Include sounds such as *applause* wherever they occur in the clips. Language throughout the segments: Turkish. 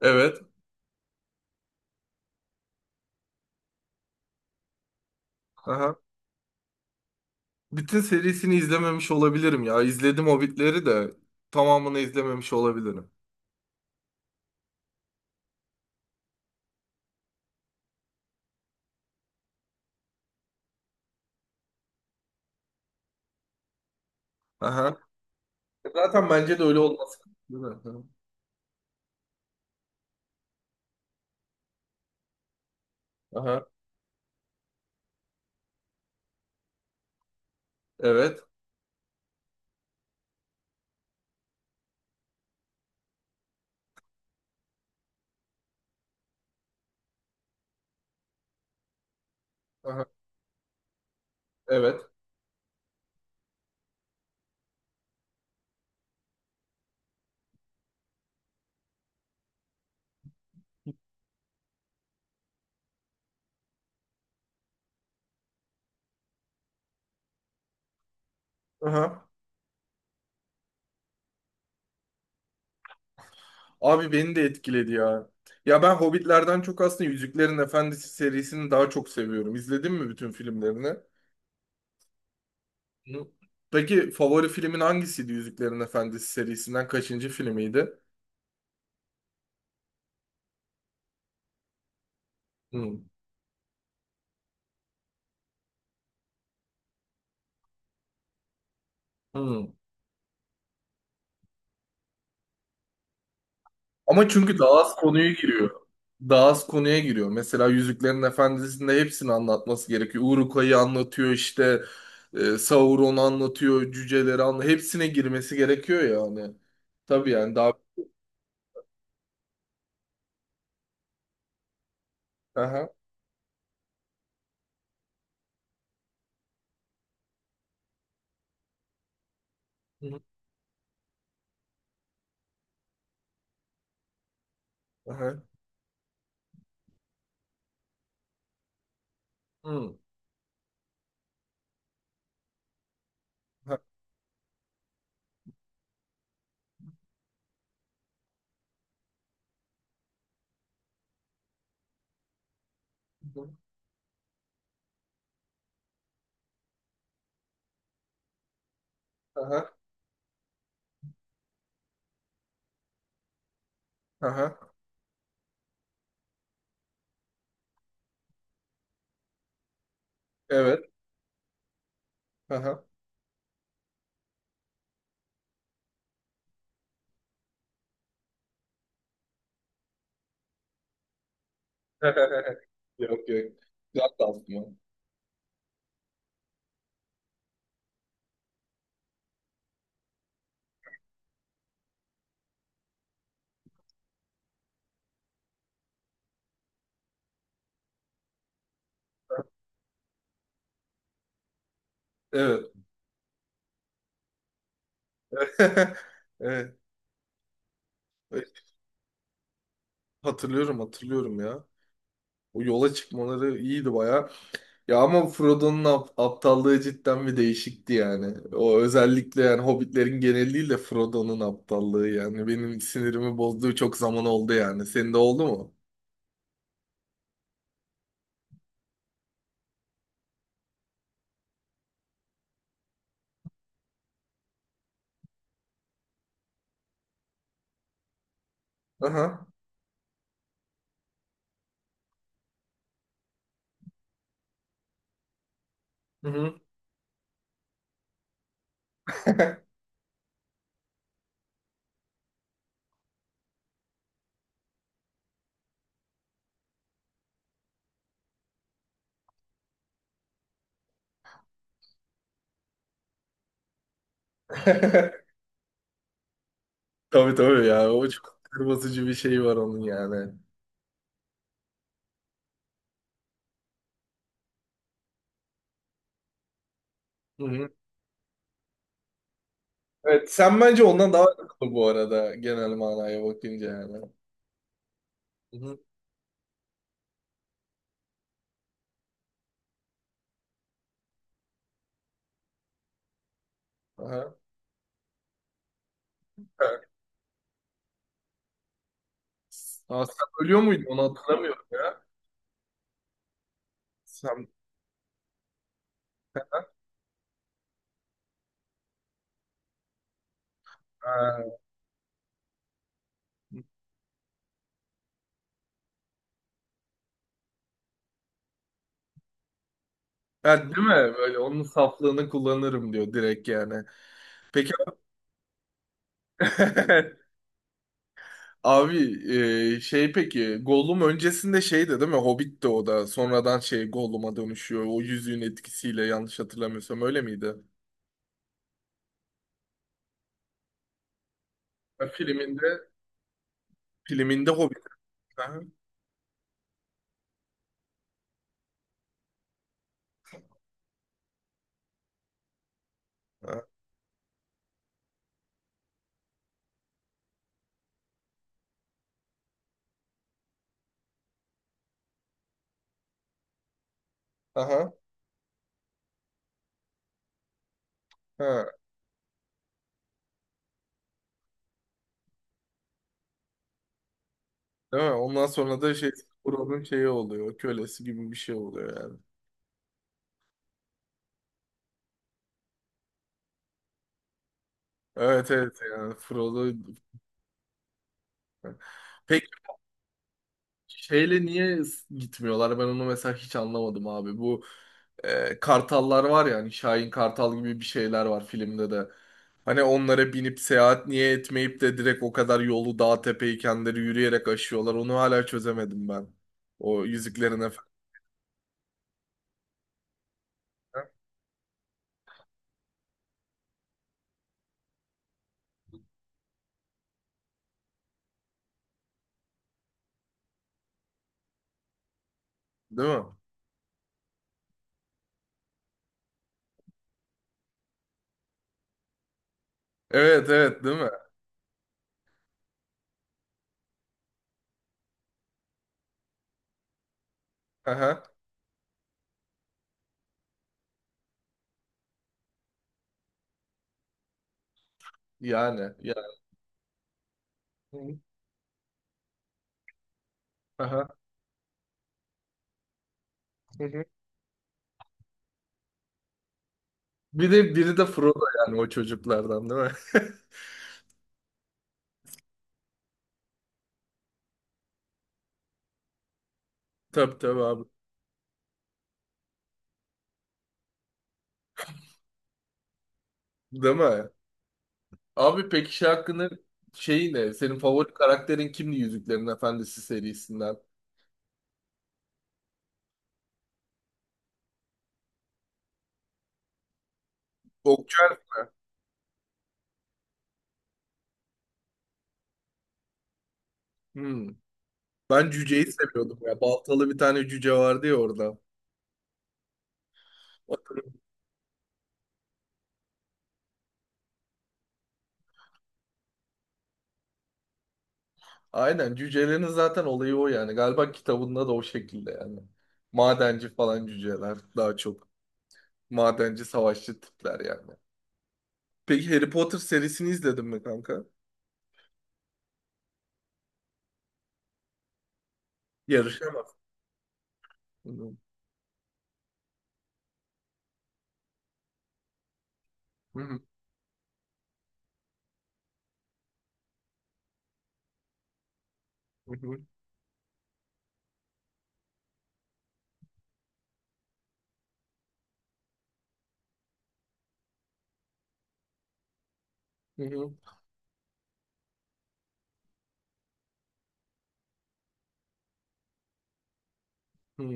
Evet. Aha. Bütün serisini izlememiş olabilirim ya. İzledim Hobbit'leri de tamamını izlememiş olabilirim. Aha. Zaten bence de öyle olması. Değil mi? Aha. Aha. Evet. Aha. Evet. Aha. Abi beni de etkiledi ya. Ya ben Hobbit'lerden çok aslında Yüzüklerin Efendisi serisini daha çok seviyorum. İzledin mi bütün filmlerini? Hı. Peki favori filmin hangisiydi Yüzüklerin Efendisi serisinden? Kaçıncı filmiydi? Hı. Hı. Ama çünkü daha az konuya giriyor. Daha az konuya giriyor. Mesela Yüzüklerin Efendisi'nde hepsini anlatması gerekiyor. Urukayı anlatıyor işte. Sauron'u anlatıyor. Cüceleri anlatıyor. Hepsine girmesi gerekiyor yani. Tabii yani daha. Aha. Hı. Aha. Hı. Aha. Aha. Aha. Evet. Aha. *laughs* Yok yok. Güzel de aslında. Evet. *laughs* Evet. Hatırlıyorum ya. O yola çıkmaları iyiydi baya. Ya ama Frodo'nun aptallığı cidden bir değişikti yani. O özellikle yani Hobbitlerin geneliyle Frodo'nun aptallığı yani benim sinirimi bozduğu çok zaman oldu yani. Senin de oldu mu? Aha. Hı hı. *laughs* Tabii tabii ya, o çok kırmızıcı bir şey var onun yani. Hı hı. Evet, sen bence ondan daha akıllı bu arada genel manaya bakınca yani. Hı hı. Aha. Evet. Aa, sen ölüyor muydun, onu hatırlamıyorum ya. Sen, ha. Yani değil mi? Böyle onun saflığını kullanırım diyor direkt yani. Peki, *laughs* abi, şey, peki Gollum öncesinde şeydi değil mi? Hobbit'ti o, da sonradan şey Gollum'a dönüşüyor. O yüzüğün etkisiyle yanlış hatırlamıyorsam öyle miydi? Ha, filminde filminde Hobbit. Aha. Aha. Aha. Ha. Değil mi? Ondan sonra da şey Frodo'nun şeyi oluyor. Kölesi gibi bir şey oluyor yani. Evet evet yani Frodo. Peki şeyle niye gitmiyorlar? Ben onu mesela hiç anlamadım abi. Bu kartallar var ya, hani Şahin Kartal gibi bir şeyler var filmde de. Hani onlara binip seyahat niye etmeyip de direkt o kadar yolu dağ tepeyi kendileri yürüyerek aşıyorlar? Onu hala çözemedim ben. O Yüzüklerin Efendisi. Değil mi? Evet evet değil mi? Aha. Yani. Yani. Aha. Biri, biri de Frodo yani o çocuklardan değil mi? *laughs* Tabii tabii abi. Değil mi? Abi peki şey hakkında şeyi ne? Senin favori karakterin kimdi Yüzüklerin Efendisi serisinden? Okçu. Hmm. Ben cüceyi seviyordum ya. Baltalı bir tane cüce vardı ya orada. Aynen, cücelerin zaten olayı o yani. Galiba kitabında da o şekilde yani. Madenci falan cüceler daha çok. Madenci savaşçı tipler yani. Peki Harry Potter serisini izledin mi kanka? Yarışamaz. Hı hı. Hı hı. Hı hı. Hı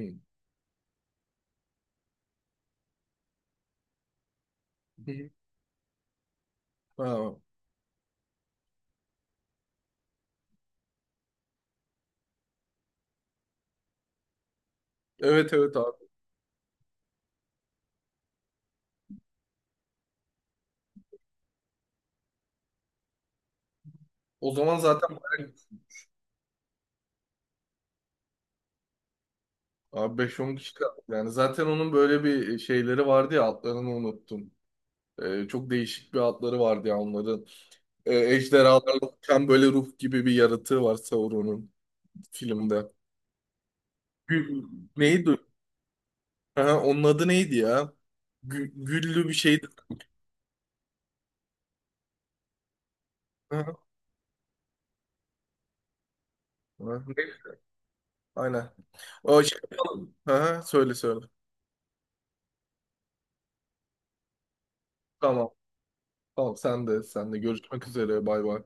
hı. Ha. Evet evet abi. O zaman zaten bayağı abi 5-10 kişi kaldı. Yani zaten onun böyle bir şeyleri vardı ya, adlarını unuttum. Çok değişik bir adları vardı ya onların. Ejderhalarla uçan böyle ruh gibi bir yaratığı var Sauron'un filmde. Gü- neydi? Ha, onun adı neydi ya? Güllü bir şeydi. Ha, ha, ne? Aynen. O şey, yapalım. Ha, söyle söyle. Tamam. Tamam, sen de görüşmek üzere, bay bay.